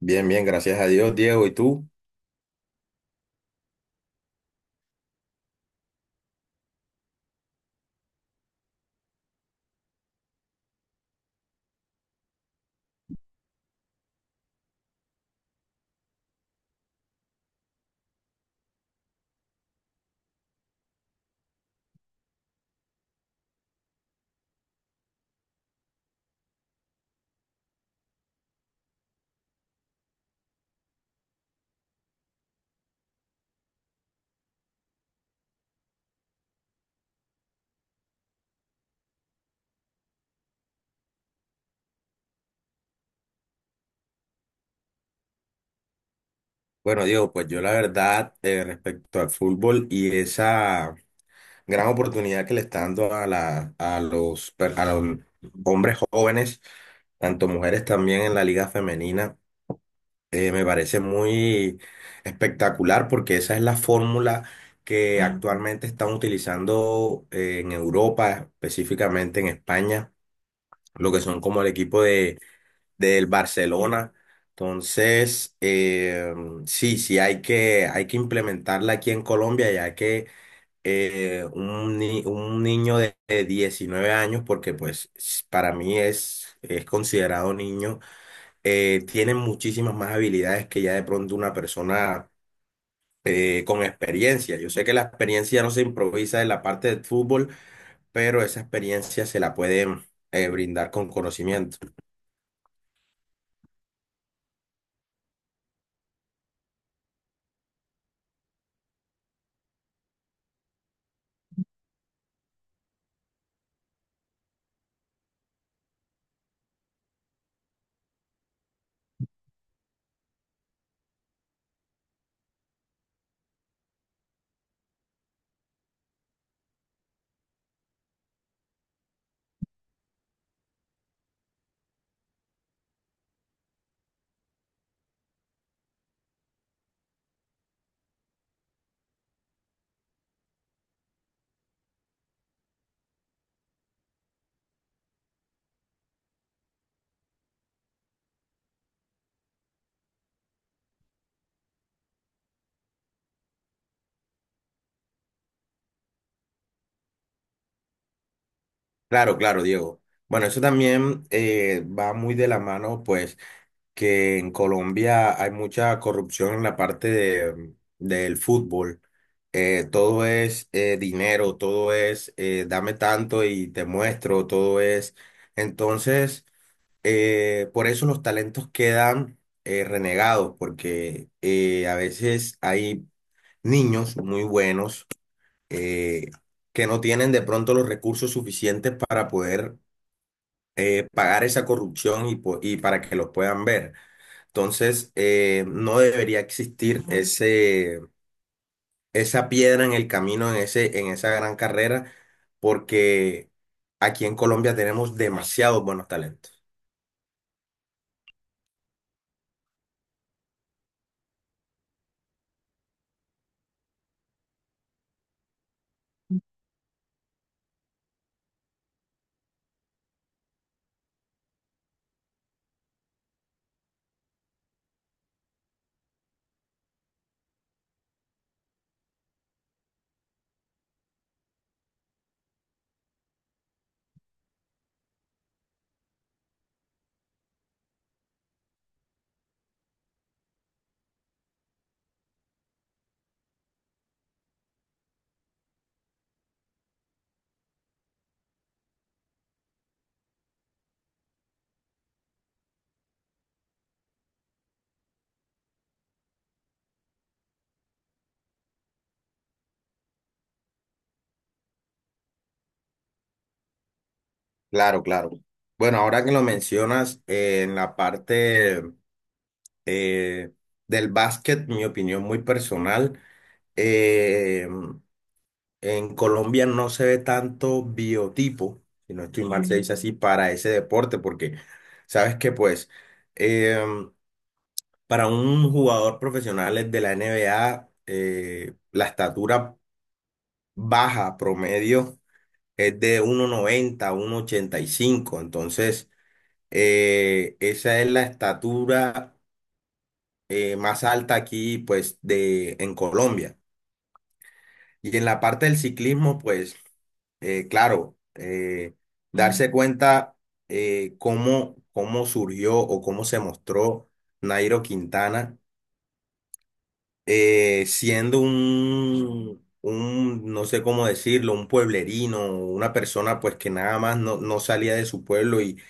Bien, bien, gracias a Dios, Diego. ¿Y tú? Bueno, Diego, pues yo la verdad, respecto al fútbol y esa gran oportunidad que le está dando a, la, a, los, per- a los hombres jóvenes, tanto mujeres también en la liga femenina, me parece muy espectacular, porque esa es la fórmula que actualmente están utilizando en Europa, específicamente en España, lo que son como el equipo del Barcelona. Entonces, sí, sí, hay que implementarla aquí en Colombia, ya que un, ni- un niño de 19 años, porque pues para mí es considerado niño. Tiene muchísimas más habilidades que ya de pronto una persona con experiencia. Yo sé que la experiencia no se improvisa en la parte del fútbol, pero esa experiencia se la pueden brindar con conocimiento. Claro, claro, Diego. Bueno, eso también va muy de la mano, pues, que en Colombia hay mucha corrupción en la parte del fútbol. Todo es dinero, todo es dame tanto y te muestro, todo es. Entonces, por eso los talentos quedan renegados, porque a veces hay niños muy buenos eh, que no tienen de pronto los recursos suficientes para poder pagar esa corrupción y, y para que los puedan ver. Entonces, no debería existir ese, esa piedra en el camino, en ese, en esa gran carrera, porque aquí en Colombia tenemos demasiados buenos talentos. Claro, claro. Bueno, ahora que lo mencionas, en la parte eh, del básquet, mi opinión muy personal: en Colombia no se ve tanto biotipo, si no estoy mal, se dice así, para ese deporte, porque sabes que pues, em, para un jugador profesional de la NBA, la estatura baja promedio es de 1,90, 1,85. Entonces esa es la estatura más alta aquí, pues, de, en Colombia. Y en la parte del ciclismo, pues, claro, Mm. darse cuenta cómo, cómo surgió o cómo se mostró Nairo Quintana, siendo no sé cómo decirlo, un pueblerino, una persona pues que nada más no, no salía de su pueblo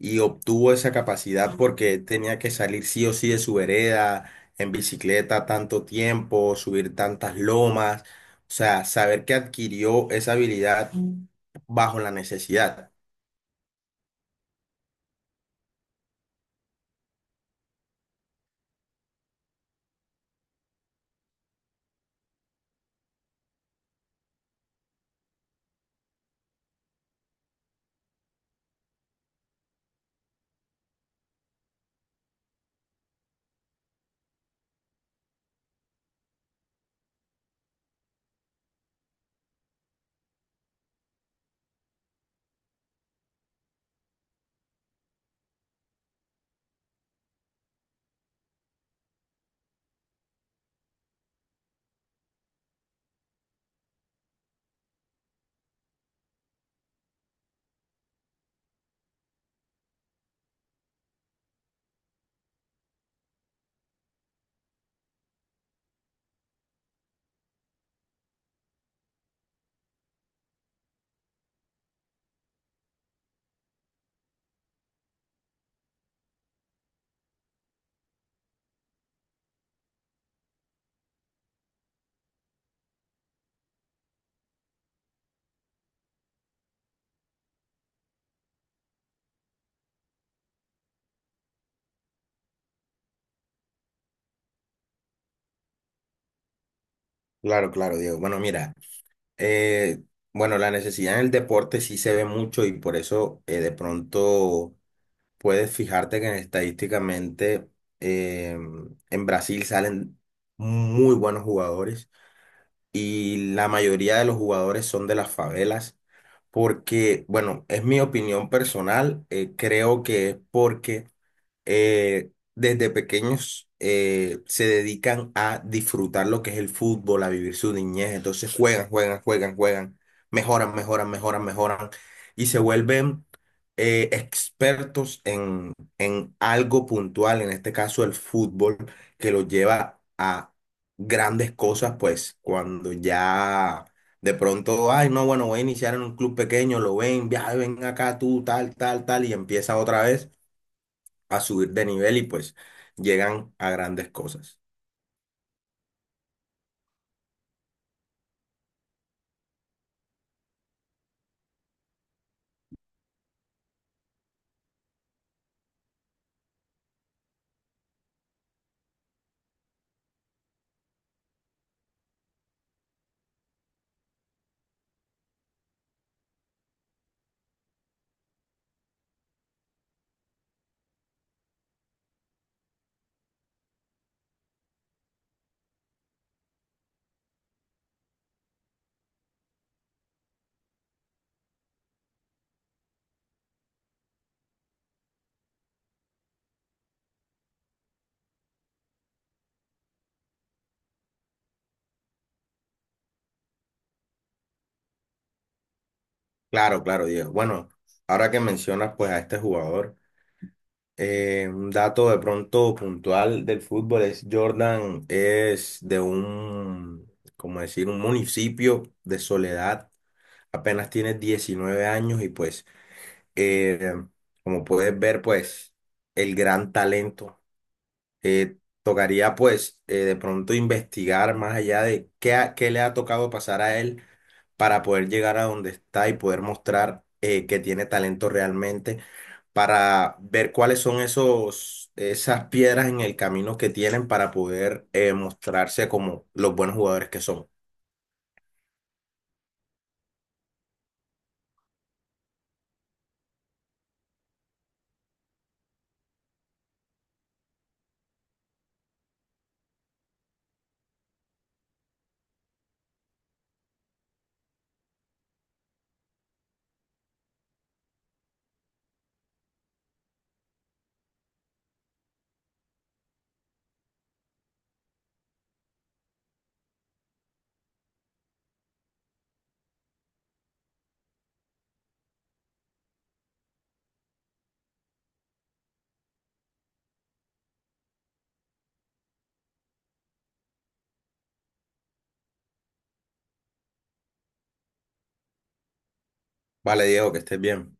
y obtuvo esa capacidad porque tenía que salir sí o sí de su vereda, en bicicleta tanto tiempo, subir tantas lomas, o sea, saber que adquirió esa habilidad bajo la necesidad. Claro, claro, Diego. Bueno, mira, eh, bueno, la necesidad en el deporte sí se ve mucho, y por eso de pronto puedes fijarte que estadísticamente eh, en Brasil salen muy buenos jugadores y la mayoría de los jugadores son de las favelas, porque, bueno, es mi opinión personal, creo que es porque desde pequeños se dedican a disfrutar lo que es el fútbol, a vivir su niñez. Entonces juegan, juegan, juegan, juegan, mejoran, mejoran, mejoran, mejoran, y se vuelven expertos en algo puntual, en este caso el fútbol, que los lleva a grandes cosas, pues cuando ya... De pronto, ay, no, bueno, voy a iniciar en un club pequeño, lo ven, ya, ven acá tú, tal, tal, tal, y empieza otra vez a subir de nivel y pues llegan a grandes cosas. Claro, claro, Diego. Bueno, ahora que mencionas pues a este jugador, un dato de pronto puntual del fútbol es: Jordan es de un, como decir, un municipio de Soledad, apenas tiene 19 años y pues, eh, como puedes ver, pues el gran talento. eh, Tocaría pues de pronto investigar más allá de qué, qué le ha tocado pasar a él para poder llegar a donde está y poder mostrar que tiene talento realmente, para ver cuáles son esos, esas piedras en el camino que tienen para poder mostrarse como los buenos jugadores que son. Vale, Diego, que estés bien.